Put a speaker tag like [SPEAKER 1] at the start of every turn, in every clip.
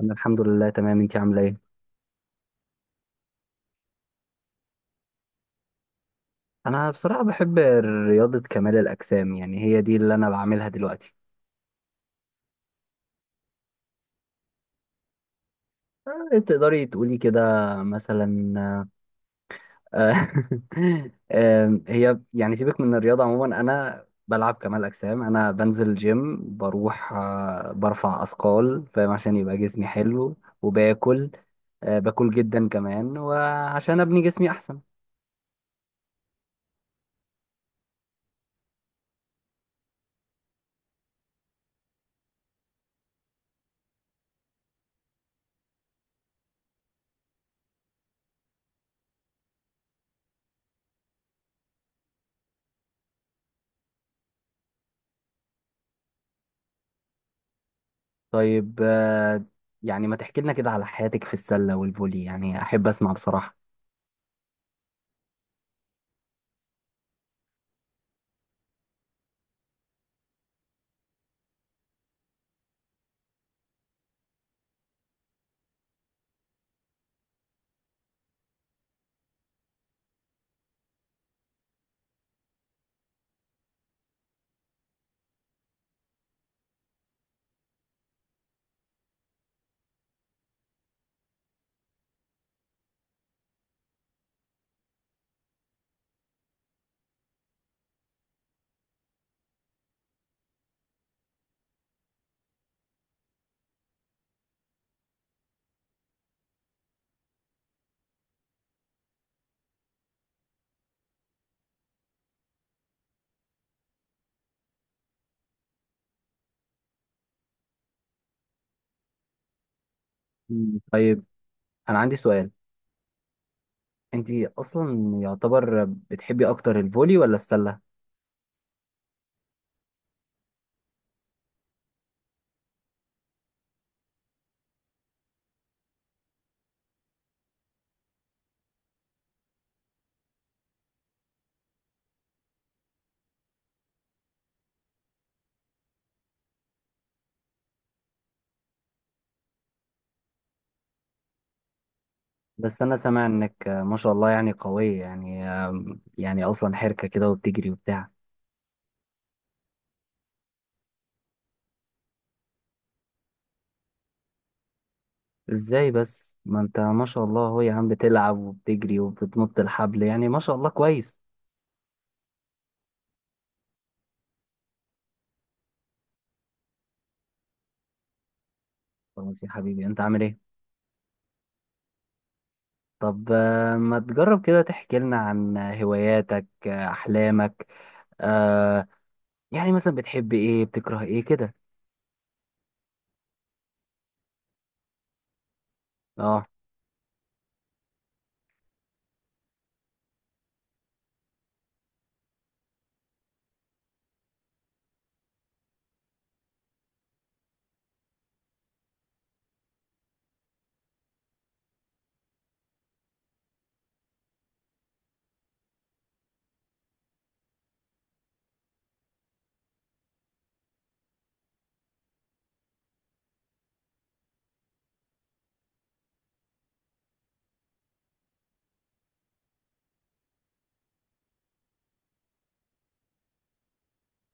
[SPEAKER 1] انا الحمد لله تمام. انتي عامله ايه؟ انا بصراحه بحب رياضه كمال الاجسام، يعني هي دي اللي انا بعملها دلوقتي. تقدري تقولي كده مثلا. آه، هي يعني سيبك من الرياضه عموما، انا بلعب كمال اجسام، انا بنزل جيم، بروح برفع اثقال، فاهم، عشان يبقى جسمي حلو. وباكل. باكل جدا كمان، وعشان ابني جسمي احسن. طيب، يعني ما تحكي لنا كده على حياتك في السله والفولي، يعني احب اسمع بصراحه. مم. طيب، انا عندي سؤال. انت اصلا يعتبر بتحبي اكتر الفولي ولا السله؟ بس انا سامع انك ما شاء الله، يعني قويه، يعني يعني اصلا حركه كده وبتجري وبتاع. ازاي بس؟ ما انت ما شاء الله، هو يا عم بتلعب وبتجري وبتنط الحبل، يعني ما شاء الله كويس. خلاص يا حبيبي، انت عامل ايه؟ طب، ما تجرب كده تحكي لنا عن هواياتك، احلامك، آه، يعني مثلا بتحب ايه، بتكره ايه كده. اه،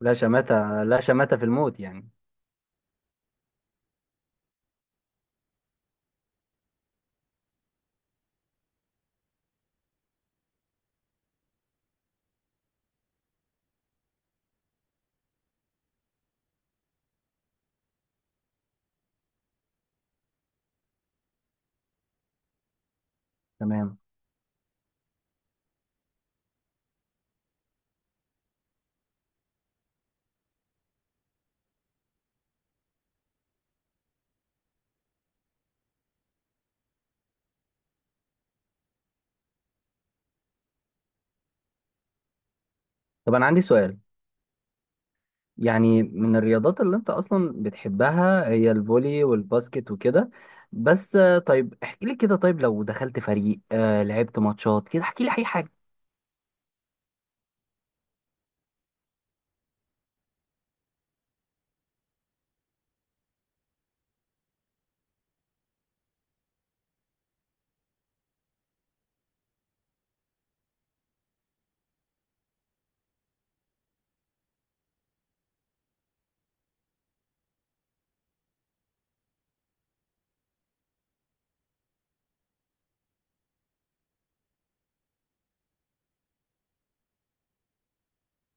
[SPEAKER 1] لا شماتة لا شماتة في الموت يعني. تمام. طب انا عندي سؤال، يعني من الرياضات اللي انت اصلا بتحبها هي الفولي والباسكت وكده، بس طيب احكي لي كده، طيب لو دخلت فريق، لعبت ماتشات كده، احكي لي اي حاجه.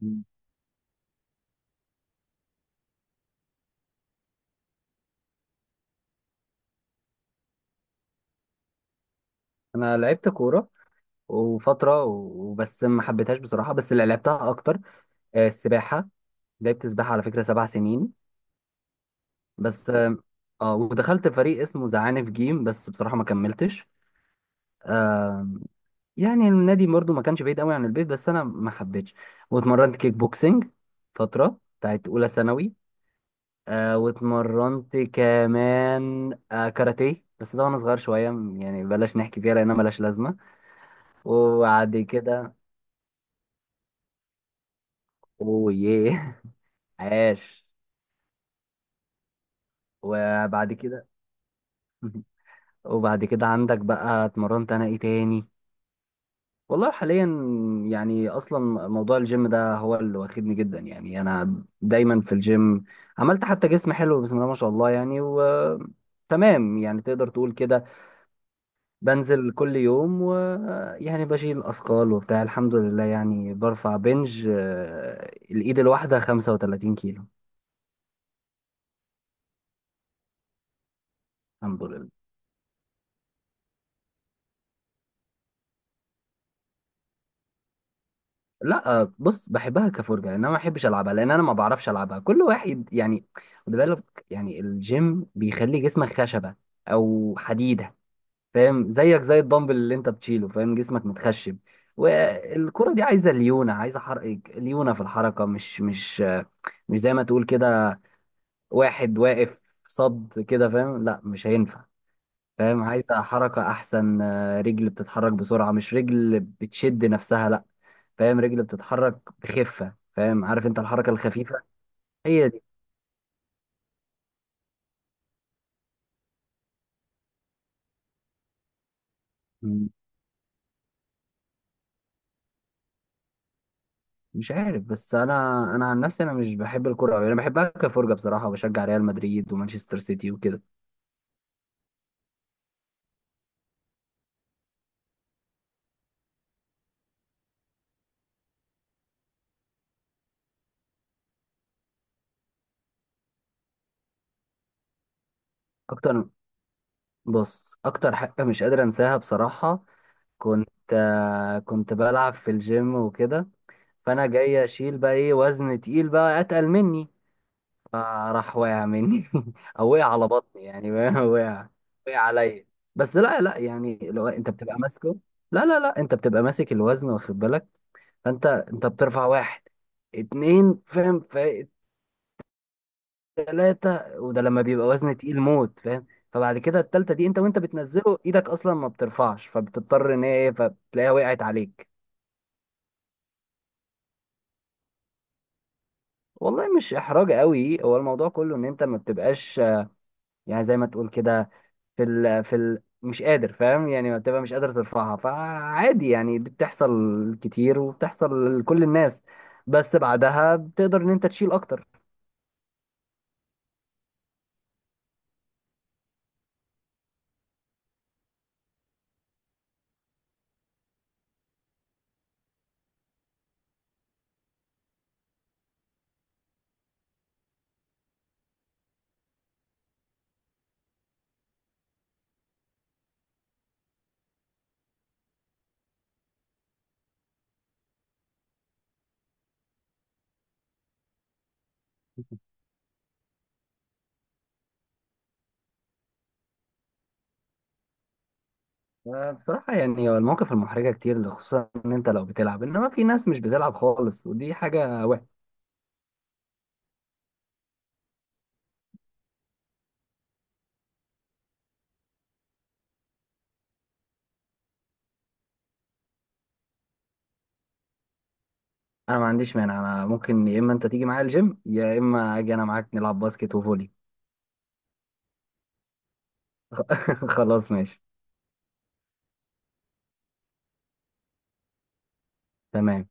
[SPEAKER 1] مم. انا لعبت كوره وبس، ما حبيتهاش بصراحه. بس اللي لعبتها اكتر السباحه. لعبت سباحه على فكره 7 سنين. بس اه، ودخلت فريق اسمه زعانف جيم، بس بصراحه ما كملتش. آه، يعني النادي برضو ما كانش بعيد قوي عن البيت، بس انا ما حبيتش. واتمرنت كيك بوكسنج فتره بتاعت اولى ثانوي. واتمرنت كمان كاراتيه، بس ده وانا صغير شويه، يعني بلاش نحكي فيها لانها ملهاش لازمه. وبعد كده، اوه، عاش. وبعد كده وبعد كده عندك بقى، اتمرنت انا ايه تاني؟ والله حاليا، يعني اصلا موضوع الجيم ده هو اللي واخدني جدا، يعني انا دايما في الجيم. عملت حتى جسم حلو، بسم الله ما شاء الله، يعني و تمام، يعني تقدر تقول كده. بنزل كل يوم، و يعني بشيل اثقال وبتاع، الحمد لله، يعني برفع بنج، الايد الواحده 35 كيلو. الحمد لله. لا، بص، بحبها كفرجه، انما ما بحبش العبها لان انا ما بعرفش العبها، كل واحد يعني. خد بالك، يعني الجيم بيخلي جسمك خشبه او حديده. فاهم؟ زيك زي الدمبل اللي انت بتشيله، فاهم؟ جسمك متخشب. والكرة دي عايزة ليونة، عايزة حرق، ليونة في الحركة، مش زي ما تقول كده واحد واقف صد كده، فاهم؟ لا، مش هينفع. فاهم؟ عايزة حركة أحسن، رجل بتتحرك بسرعة، مش رجل بتشد نفسها، لا. فاهم؟ رجل بتتحرك بخفة، فاهم؟ عارف انت الحركة الخفيفة، هي دي. مم. مش عارف، بس انا عن نفسي انا مش بحب الكرة أوي، انا بحبها كفرجة بصراحة، وبشجع ريال مدريد ومانشستر سيتي وكده. اكتر؟ بص، اكتر حاجه مش قادر انساها بصراحه، كنت بلعب في الجيم وكده، فانا جاي اشيل بقى، ايه، وزن تقيل بقى اتقل مني، فراح واقع مني او وقع على بطني يعني. وقع عليا. بس لا لا، يعني لو انت بتبقى ماسكه، لا لا لا، انت بتبقى ماسك الوزن واخد بالك. فانت بترفع واحد، اتنين، فاهم، ثلاثة، وده لما بيبقى وزن تقيل موت، فاهم؟ فبعد كده التالتة دي، انت وانت بتنزله، ايدك اصلا ما بترفعش، فبتضطر ان هي ايه، فبتلاقيها وقعت عليك. والله مش احراج قوي، هو الموضوع كله ان انت ما بتبقاش يعني زي ما تقول كده في ال مش قادر، فاهم؟ يعني ما بتبقى مش قادر ترفعها، فعادي يعني، دي بتحصل كتير وبتحصل لكل الناس، بس بعدها بتقدر ان انت تشيل اكتر. بصراحة يعني هو المواقف المحرجة كتير، خصوصا ان انت لو بتلعب انما في ناس مش بتلعب خالص، ودي حاجة وحشة. انا ما عنديش مانع، انا ممكن يا اما انت تيجي معايا الجيم، يا اما اجي انا معاك نلعب باسكت وفولي. خلاص ماشي. تمام.